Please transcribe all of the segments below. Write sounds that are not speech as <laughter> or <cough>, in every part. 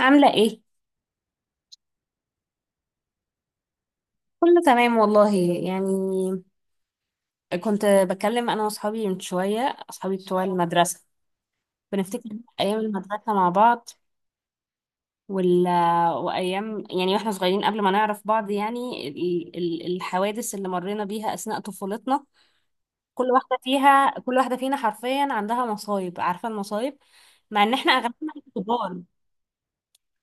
عاملة ايه؟ كله تمام والله. يعني كنت بكلم انا واصحابي من شوية، اصحابي بتوع المدرسة. بنفتكر ايام المدرسة مع بعض، وال... وايام يعني واحنا صغيرين قبل ما نعرف بعض، يعني الحوادث اللي مرينا بيها اثناء طفولتنا. كل واحدة فينا حرفيا عندها مصايب، عارفة المصايب، مع ان احنا اغلبنا كبار.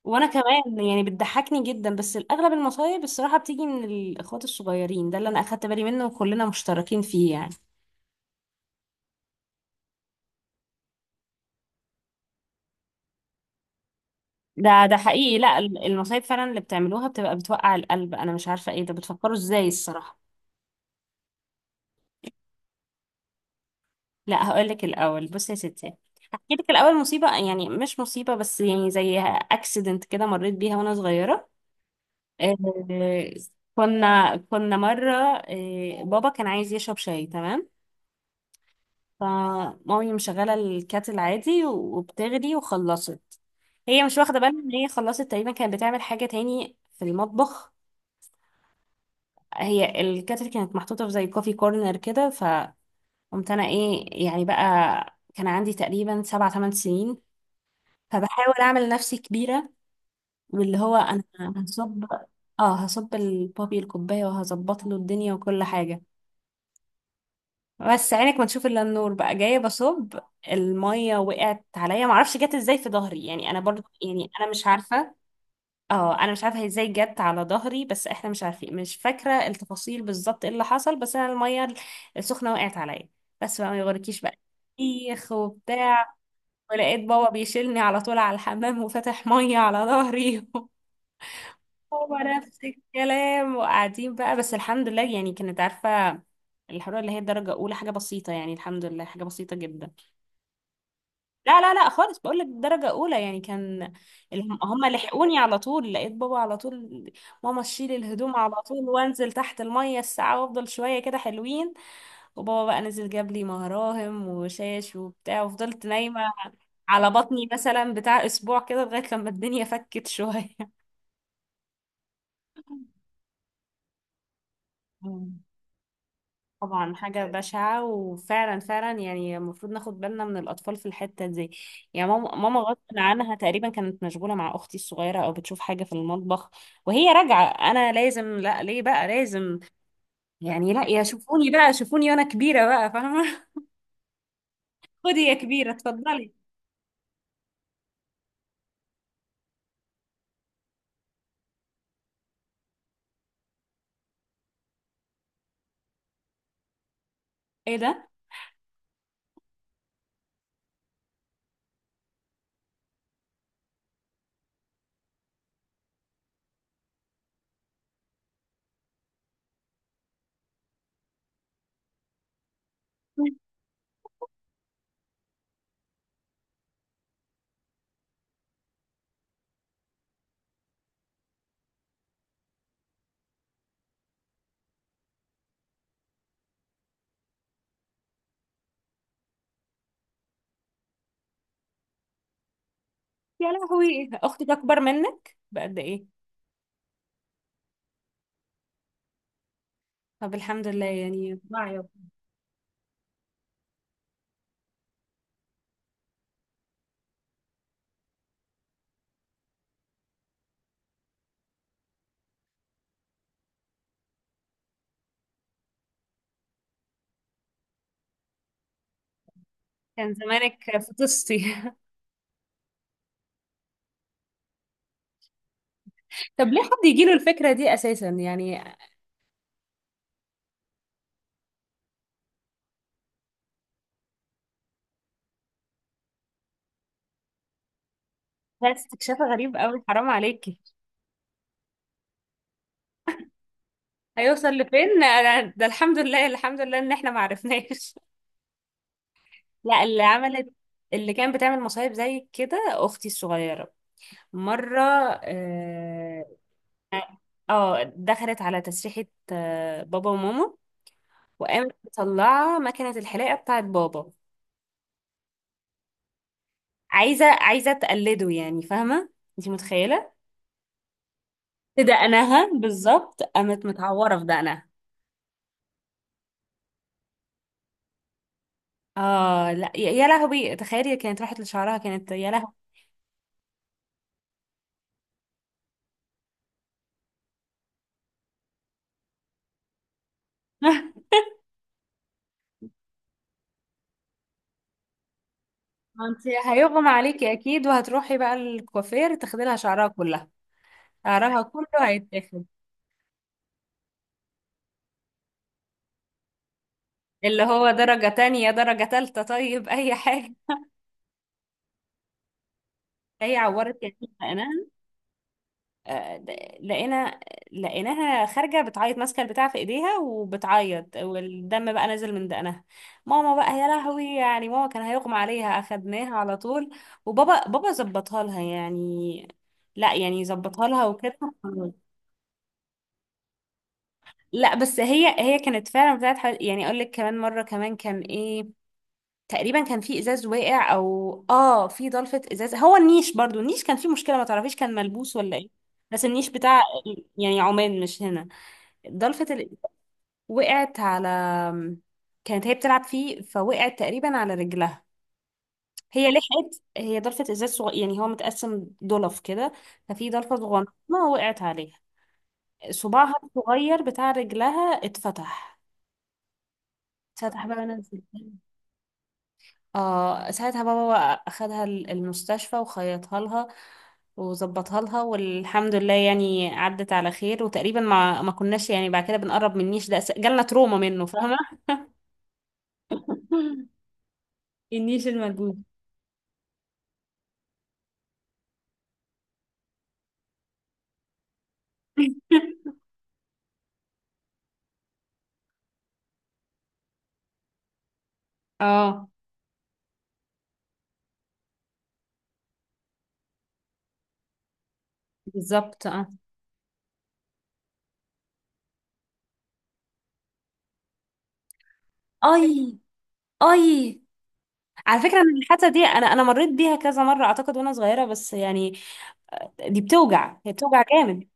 وانا كمان يعني بتضحكني جدا، بس الاغلب المصايب الصراحه بتيجي من الاخوات الصغيرين، ده اللي انا اخدت بالي منه وكلنا مشتركين فيه يعني. ده حقيقي، لا المصايب فعلا اللي بتعملوها بتبقى بتوقع القلب، انا مش عارفه ايه ده، بتفكروا ازاي الصراحه. لا هقول لك الاول، بصي يا ستي، هحكي لك الاول مصيبه، يعني مش مصيبه بس يعني زي اكسيدنت كده مريت بيها وانا صغيره. آه، كنا مره، بابا كان عايز يشرب شاي، تمام؟ فمامي مشغلة الكاتل عادي وبتغلي وخلصت، هي مش واخدة بالها ان هي خلصت، تقريبا كانت بتعمل حاجة تاني في المطبخ. هي الكاتل كانت محطوطة في زي كوفي كورنر كده، فقمت انا، ايه يعني بقى، كان عندي تقريبا 7 8 سنين، فبحاول اعمل نفسي كبيرة، واللي هو انا هصب، اه هصب البابي الكوباية وهظبط له الدنيا وكل حاجة. بس عينك ما تشوف الا النور، بقى جايه بصب، الميه وقعت عليا، معرفش جت ازاي في ظهري، يعني انا برضو انا مش عارفه هي ازاي جت على ظهري، بس احنا مش عارفين، مش فاكره التفاصيل بالظبط ايه اللي حصل، بس انا الميه السخنه وقعت عليا. بس بقى ما يغركيش بقى، ايخ وبتاع، ولقيت بابا بيشيلني على طول على الحمام وفتح ميه على ظهري. <laughs> هو نفس الكلام، وقاعدين بقى، بس الحمد لله، يعني كانت عارفة الحرارة اللي هي درجة أولى، حاجة بسيطة، يعني الحمد لله حاجة بسيطة جدا. لا لا لا خالص، بقول لك درجة أولى يعني. كان هم لحقوني على طول، لقيت بابا على طول، ماما تشيل الهدوم على طول، وانزل تحت المية الساعة وافضل شوية كده حلوين. وبابا بقى نزل جاب لي مراهم وشاش وبتاع، وفضلت نايمة على بطني مثلا بتاع أسبوع كده، لغاية لما الدنيا فكت شوية. <laughs> طبعا حاجة بشعة، وفعلا فعلا يعني المفروض ناخد بالنا من الأطفال في الحتة دي. يعني ماما غصب عنها تقريبا كانت مشغولة مع أختي الصغيرة، أو بتشوف حاجة في المطبخ وهي راجعة. أنا لازم، لا ليه بقى لازم، يعني لا يا شوفوني بقى، شوفوني وأنا كبيرة بقى فاهمة. <laughs> خدي يا كبيرة، اتفضلي. إيه ده؟ يا لهوي، أختك أكبر منك بقد إيه؟ طب الحمد لله يعني واعية. كان زمانك فطستي. <laughs> طب ليه حد يجيله الفكرة دي أساسا يعني؟ ده استكشاف غريب قوي، حرام عليكي. هيوصل لفين انا، ده الحمد لله الحمد لله ان احنا ما عرفناش. <laughs> لا، اللي عملت، اللي كانت بتعمل مصايب زي كده اختي الصغيره. مره، اه، دخلت على تسريحه بابا وماما، وقامت مطلعه مكنه الحلاقه بتاعت بابا، عايزه تقلده يعني، فاهمه؟ انت متخيله؟ في دقنها بالظبط، قامت متعوره في دقنها. اه لا، يا يا لهوي، تخيلي كانت راحت لشعرها كانت، يا لهوي. <laughs> ما انت هيغمى عليكي اكيد، وهتروحي بقى الكوافير تاخدي لها شعرها كلها، شعرها كله هيتاخد. اللي هو درجة تانية درجة تالتة، طيب اي حاجة. هي عورت يعني، لقيناها، آه، د- لقينا لقيناها خارجة بتعيط، ماسكة البتاع في ايديها وبتعيط، والدم بقى نازل من دقنها. ماما بقى يا لهوي، يعني ماما كان هيغمى عليها، اخدناها على طول، وبابا، ظبطها لها يعني، لا يعني ظبطها لها وكده. لا بس هي هي كانت فعلا بتاعت حوالي، يعني اقول لك كمان مره، كمان كان ايه، تقريبا كان في ازاز واقع، او اه في ضلفه ازاز، هو النيش برضو، النيش كان فيه مشكله، ما تعرفيش كان ملبوس ولا ايه، بس النيش بتاع، يعني عمان مش هنا. ضلفه ال... وقعت على، كانت هي بتلعب فيه فوقعت تقريبا على رجلها. هي لحقت، هي ضلفه ازاز يعني هو متقسم ضلف كده، ففي ضلفه صغننه وقعت عليها، صباعها الصغير بتاع رجلها اتفتح. اتفتح بقى ونزل، اه ساعتها بابا بقى اخدها المستشفى وخيطها لها وظبطها لها، والحمد لله يعني عدت على خير. وتقريبا ما كناش يعني بعد كده بنقرب من النيش ده، جالنا تروما منه، فاهمة؟ <laughs> النيش الموجود. <laughs> اه بالظبط، اه اي اي. على فكرة انا الحاسة دي، انا مريت بيها كذا مرة اعتقد وانا صغيرة، بس يعني دي بتوجع، هي بتوجع جامد.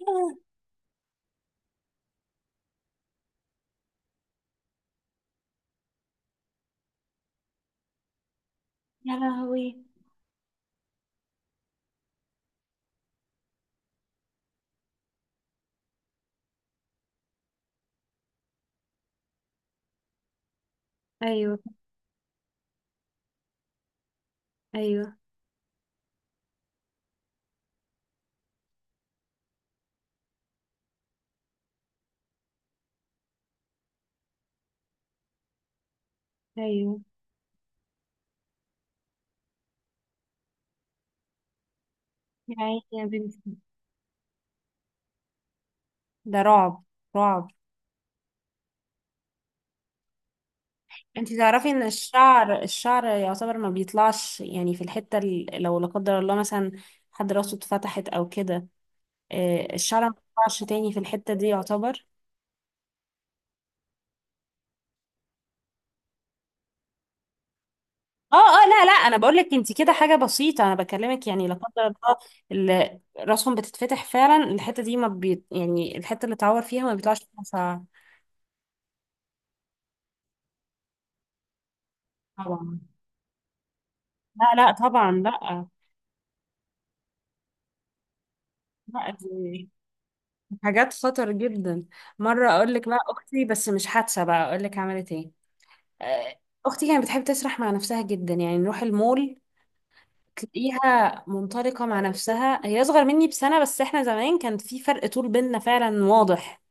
<laughs> آه، يا لهوي. ايوه، ايوه ايوه. يا عيني يا بنتي، ده رعب، رعب. انتي تعرفي ان الشعر يعتبر ما بيطلعش، يعني في الحتة لو لا قدر الله مثلا حد راسه اتفتحت او كده، الشعر ما بيطلعش تاني في الحتة دي يعتبر. اه اه، لا لا، انا بقول لك انتي كده حاجة بسيطة، انا بكلمك يعني لا قدر الله راسهم بتتفتح فعلا. الحتة دي ما بي يعني، الحتة اللي اتعور فيها ما بيطلعش فيها شعر. طبعا، لا لا طبعا لا، لا دي حاجات خطر جدا. مرة اقول لك بقى اختي، بس مش حادثة بقى، اقول لك عملت ايه. آه، اختي كانت بتحب تسرح مع نفسها جدا، يعني نروح المول تلاقيها منطلقة مع نفسها. هي اصغر مني بسنة، بس احنا زمان كان في فرق طول بيننا فعلا واضح،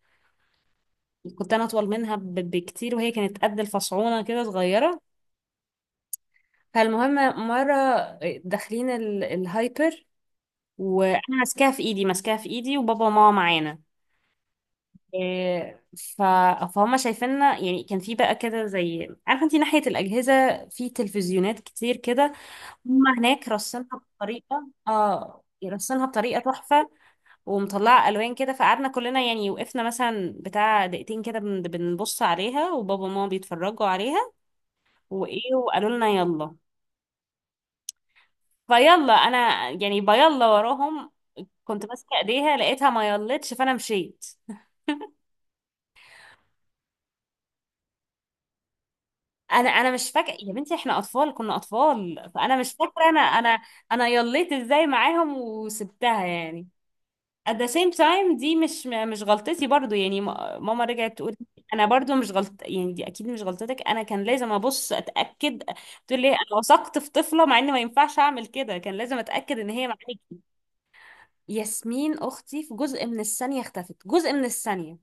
كنت انا اطول منها بكتير، وهي كانت قد الفصعونة كده صغيرة. فالمهم، مرة داخلين الهايبر، وانا ماسكاها في ايدي، ماسكاها في ايدي وبابا وماما معانا. إيه، ف- فهم شايفيننا، يعني كان في بقى كده زي، عارفه انت ناحيه الاجهزه في تلفزيونات كتير كده، هم هناك رسمها بطريقة، رسمها بطريقة تحفة، ومطلعة ألوان كده. فقعدنا كلنا يعني، وقفنا مثلا بتاع دقيقتين كده بنبص عليها، وبابا وماما بيتفرجوا عليها، وإيه وقالوا لنا يلا. فيلا أنا يعني بيلا وراهم، كنت ماسكة إيديها لقيتها ما يلتش، فأنا مشيت. أنا مش فاكرة يا بنتي، إحنا أطفال، كنا أطفال، فأنا مش فاكرة أنا، أنا يليت إزاي معاهم وسبتها يعني. at the same time دي مش غلطتي برضو يعني، ماما رجعت تقول انا برضو مش غلط، يعني دي اكيد مش غلطتك، انا كان لازم ابص اتاكد. تقول لي انا وثقت في طفله، مع ان ما ينفعش اعمل كده، كان لازم اتاكد ان هي معاكي. ياسمين اختي في جزء من الثانيه اختفت، جزء من الثانيه.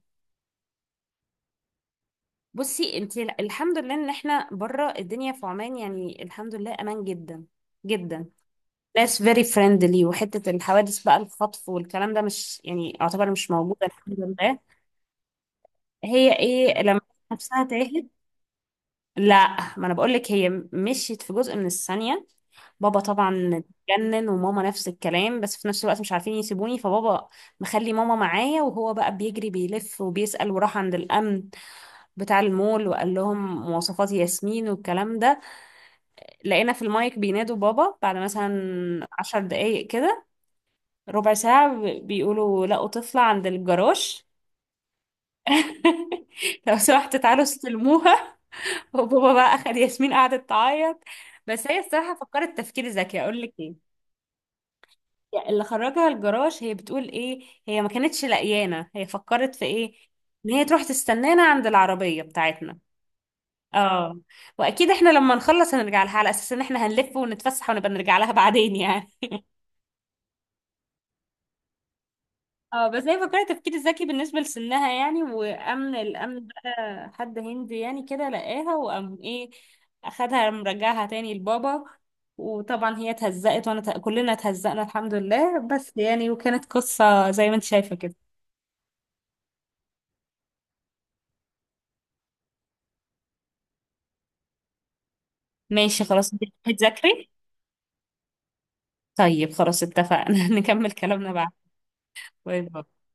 بصي انت الحمد لله ان احنا بره الدنيا في عمان، يعني الحمد لله امان جدا جدا، ناس very friendly، وحته الحوادث بقى الخطف والكلام ده مش يعني، اعتبر مش موجوده الحمد لله. هي ايه لما نفسها تاهت؟ لا ما انا بقول لك، هي مشيت في جزء من الثانية. بابا طبعا اتجنن وماما نفس الكلام، بس في نفس الوقت مش عارفين يسيبوني، فبابا مخلي ماما معايا، وهو بقى بيجري بيلف وبيسأل، وراح عند الأمن بتاع المول وقال لهم مواصفات ياسمين والكلام ده. لقينا في المايك بينادوا بابا بعد مثلا 10 دقايق كده، ربع ساعة، بيقولوا لقوا طفلة عند الجراج. <laughs> لو سمحت تعالوا استلموها. وبابا بقى اخد ياسمين، قعدت تعيط. بس هي الصراحه فكرت تفكير ذكي، اقول لك ايه، يعني اللي خرجها الجراج هي بتقول ايه، هي ما كانتش لقيانه، هي فكرت في ايه، ان هي تروح تستنانا عند العربيه بتاعتنا. اه، واكيد احنا لما نخلص هنرجع لها، على اساس ان احنا هنلف ونتفسح ونبقى نرجع لها بعدين يعني. اه بس هي فكرة تفكير ذكي بالنسبة لسنها يعني. وأمن، الأمن بقى حد هندي يعني كده لقاها، وقام ايه، أخدها مرجعها تاني لبابا. وطبعا هي اتهزقت، وانا كلنا اتهزقنا الحمد لله، بس يعني، وكانت قصة زي ما انت شايفة كده. ماشي خلاص، انت هتذاكري؟ طيب خلاص اتفقنا، <laughs> نكمل كلامنا بعد. باي باي.